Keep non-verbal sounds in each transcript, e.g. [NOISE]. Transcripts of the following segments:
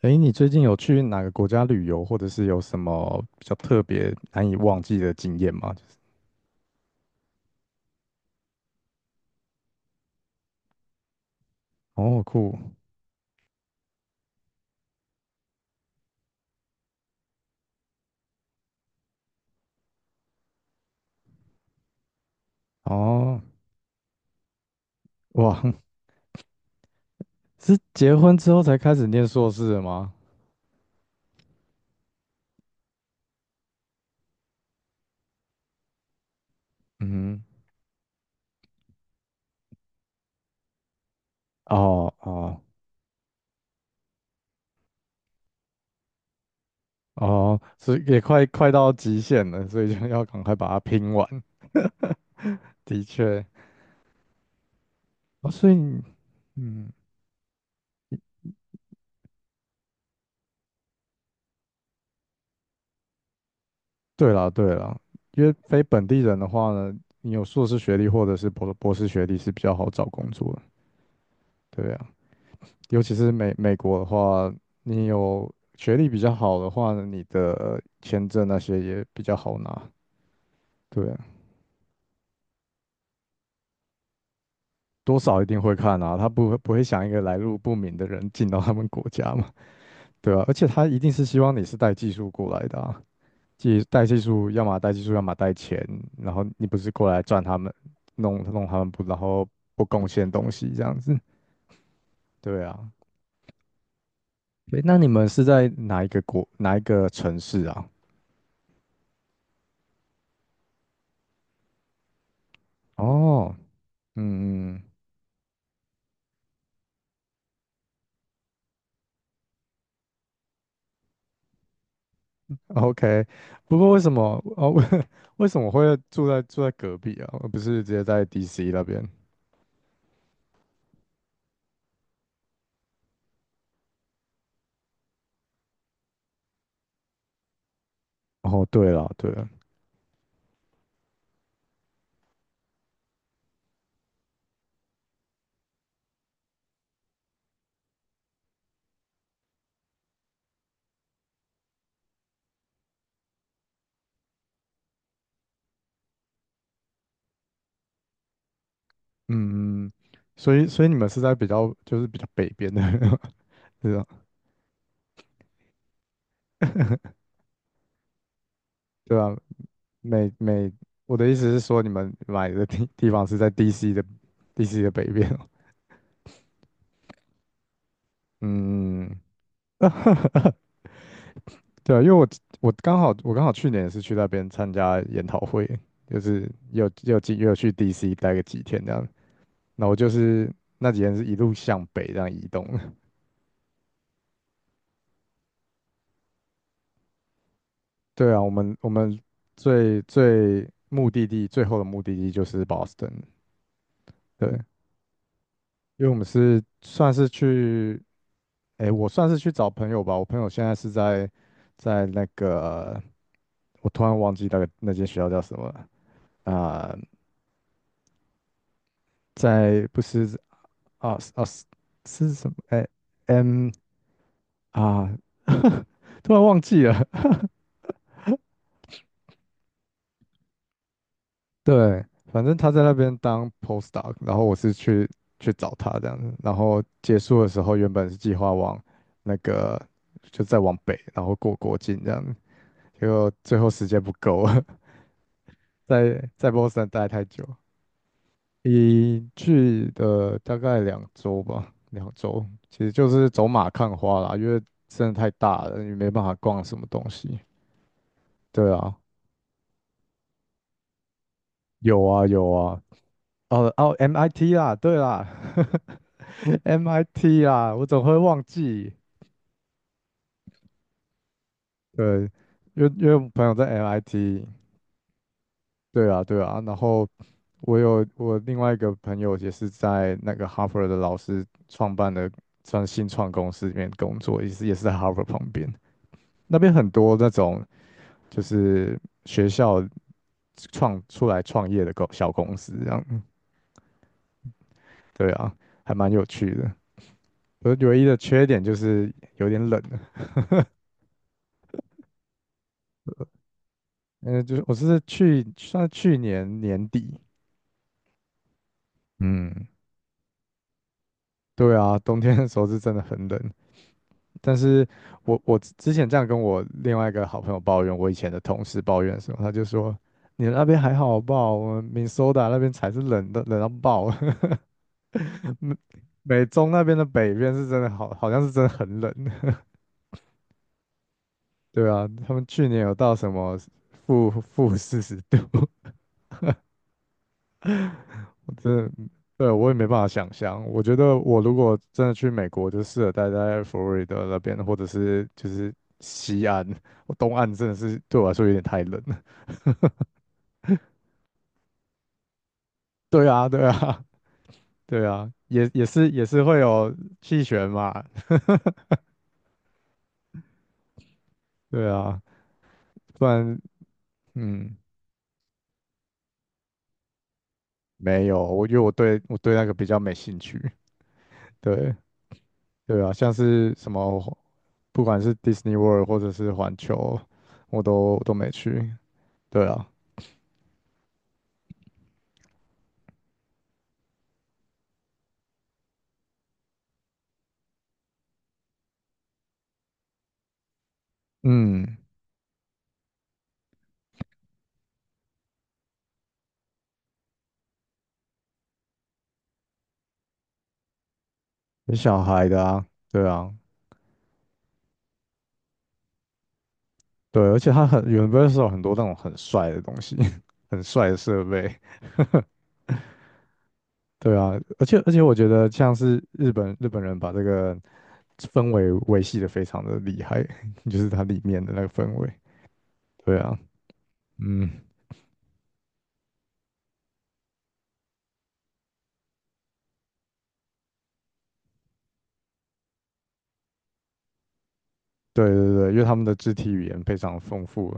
诶，你最近有去哪个国家旅游，或者是有什么比较特别难以忘记的经验吗？就是哦，酷，哦，哇，[LAUGHS] 是结婚之后才开始念硕士的吗？嗯哼哦哦哦，是也快到极限了，所以就要赶快把它拼完。的确，哦，所以你嗯，对啦对啦，因为非本地人的话呢，你有硕士学历或者是博士学历是比较好找工作的，对呀。尤其是美国的话，你有学历比较好的话呢，你的签证那些也比较好拿。对，多少一定会看啊，他不会想一个来路不明的人进到他们国家嘛，对啊，而且他一定是希望你是带技术过来的啊，技带技术，要么带技术，要么带钱，然后你不是过来赚他们，弄弄他们不，然后不贡献东西这样子，对啊，对，那你们是在哪一个城市啊？哦，嗯嗯。OK,不过为什么哦？[LAUGHS] 为什么会住在隔壁啊？而不是直接在 DC 那边？哦，对了，对了，嗯，嗯所以你们是在比较就是比较北边的，[LAUGHS] 对吧？对啊，每每我的意思是说，你们买的地方是在 DC 的 DC 的北边哦。嗯，[LAUGHS] 对啊，因为我刚好去年也是去那边参加研讨会，就是也有进也有去 DC 待个几天这样。那我就是那几天是一路向北这样移动的 [LAUGHS] 对啊，我们最后的目的地就是 Boston。对，因为我们是算是去，哎，我算是去找朋友吧。我朋友现在是在在那个，我突然忘记那个那间学校叫什么了啊、在不是啊啊是什么？哎 m 啊，[LAUGHS] 突然忘记了。对，反正他在那边当 postdoc,然后我是去找他这样子，然后结束的时候原本是计划往那个就再往北，然后过国境这样子，结果最后时间不够了，[LAUGHS] 在Boston 待太久，一去的大概两周吧，两周，其实就是走马看花啦，因为真的太大了，你没办法逛什么东西。对啊，有啊有啊，哦哦，MIT 啦，对啦，MIT [LAUGHS] 啦，我怎么会忘记。对，因为我朋友在 MIT,对啊对啊。然后我另外一个朋友也是在那个 Harvard 的老师创办的算新创公司里面工作，也是在 Harvard 旁边。那边很多那种就是学校创出来创业的小公司这样。对啊，还有趣的。我唯一的缺点就是有点冷。嗯，就是我是去算是去年年底，嗯，对啊，冬天的时候是真的很冷。但是我之前这样跟我另外一个好朋友抱怨，我以前的同事抱怨的时候，他就说："你那边还好吧？我们 m i n 那边才是冷的，冷到爆。[LAUGHS] 美美中那边的北边是真的好，好像是真的很冷。[LAUGHS] 对啊，他们去年有到什么负40度。"我真的，对，我也没办法想象。我觉得我如果真的去美国，就适合待在佛罗里达那边，或者是就是西岸，我东岸真的是对我来说有点太冷了。[LAUGHS] 对啊，对啊，对啊，也是是会有气旋嘛，[LAUGHS] 对啊，不然嗯，没有，我因为我对那个比较没兴趣。[LAUGHS] 对对啊，像是什么，不管是 Disney World 或者是环球，我都没去。对啊，嗯。有小孩的啊，对啊，对，而且它很 Universal 很多那种很帅的东西，[LAUGHS] 很帅的设备，对啊，而且我觉得像是日本人把这个氛围维系的非常的厉害，[LAUGHS] 就是它里面的那个氛围，对啊，嗯，对对对，因为他们的肢体语言非常丰富，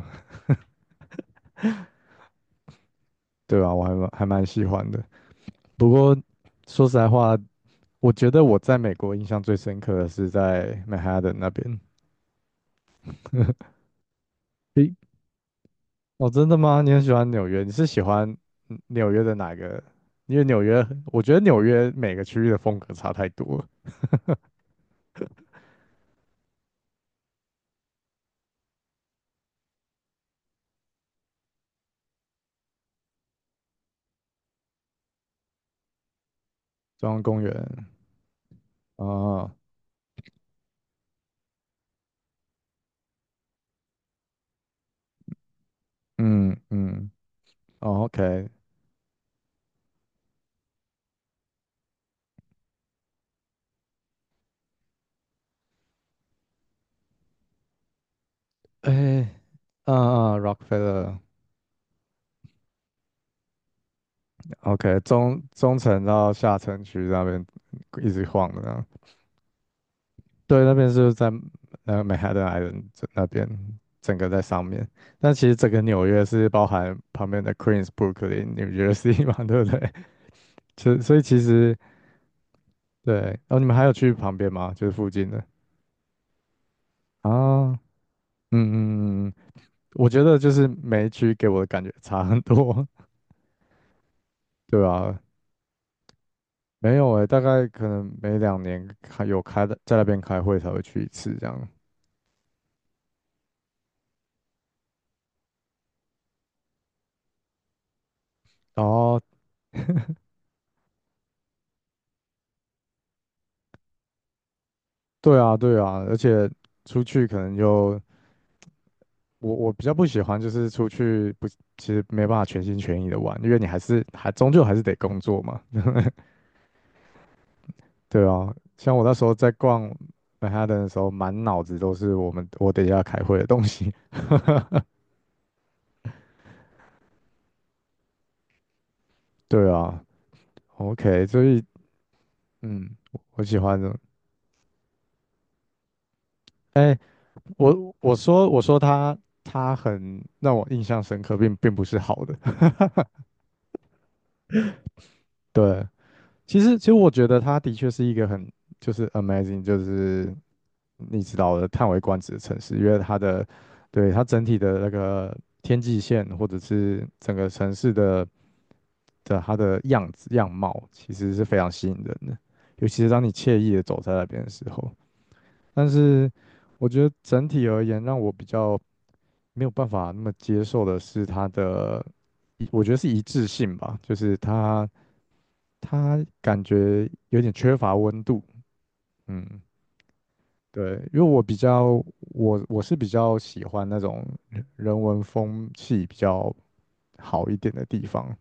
对啊，我还还蛮喜欢的。不过说实在话，我觉得我在美国印象最深刻的是在曼哈顿那边。哦，真的吗？你很喜欢纽约？你是喜欢嗯纽约的哪个？因为纽约，我觉得纽约每个区域的风格差太多了中央公园啊，嗯嗯，哦，OK,哎，啊啊Rockefeller，OK，中层到下城区那边一直晃的呢。对，那边是在呃 Manhattan i 那边，整个在上面。但其实整个纽约是包含旁边的 Queens、Brooklyn、New Jersey 嘛，[LAUGHS] 对不对？[LAUGHS] 所以其实。对，然后你们还有去旁边吗？就是附近的啊，嗯嗯嗯，嗯我觉得就是每一区给我的感觉差很多，[LAUGHS] 对啊，没有诶，大概可能每两年开有开的，在那边开会才会去一次这样。哦，对啊，对啊，而且出去可能就我比较不喜欢就是出去不，其实没办法全心全意的玩，因为你还是终究还是得工作嘛。[LAUGHS] 对啊，像我那时候在逛曼哈顿的时候，满脑子都是我等一下开会的东西。[LAUGHS] 对啊，OK,所以嗯，我喜欢的。哎，我说他很让我印象深刻，并不是好的。[LAUGHS] 对，其实我觉得它的确是一个很就是 amazing,就是你知道的叹为观止的城市，因为它的对它整体的那个天际线或者是整个城市的它的样貌，其实是非常吸引人的，尤其是当你惬意的走在那边的时候。但是我觉得整体而言，让我比较没有办法那么接受的是它的一我觉得是一致性吧，就是他感觉有点缺乏温度，嗯，对，因为我我是比较喜欢那种人文风气比较好一点的地方，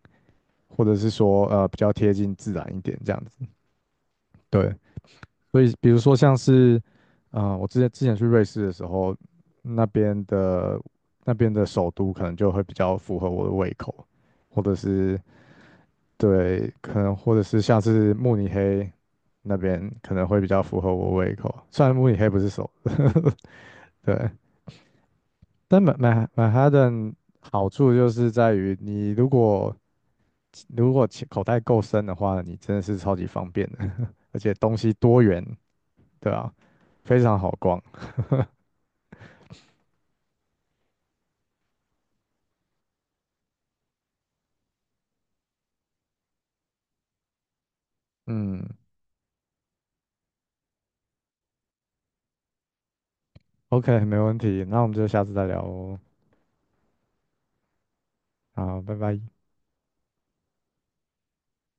或者是说呃比较贴近自然一点这样子，对。所以比如说像是，呃，我之前之前去瑞士的时候，那边的那边的首都可能就会比较符合我的胃口，或者是对，可能或者是像是慕尼黑那边可能会比较符合我胃口。虽然慕尼黑不是首，都，[LAUGHS] 对，但曼哈顿好处就是在于你如果如果钱口袋够深的话，你真的是超级方便的，[LAUGHS] 而且东西多元，对啊，非常好逛，嗯。OK,没问题，那我们就下次再聊哦。好，拜拜。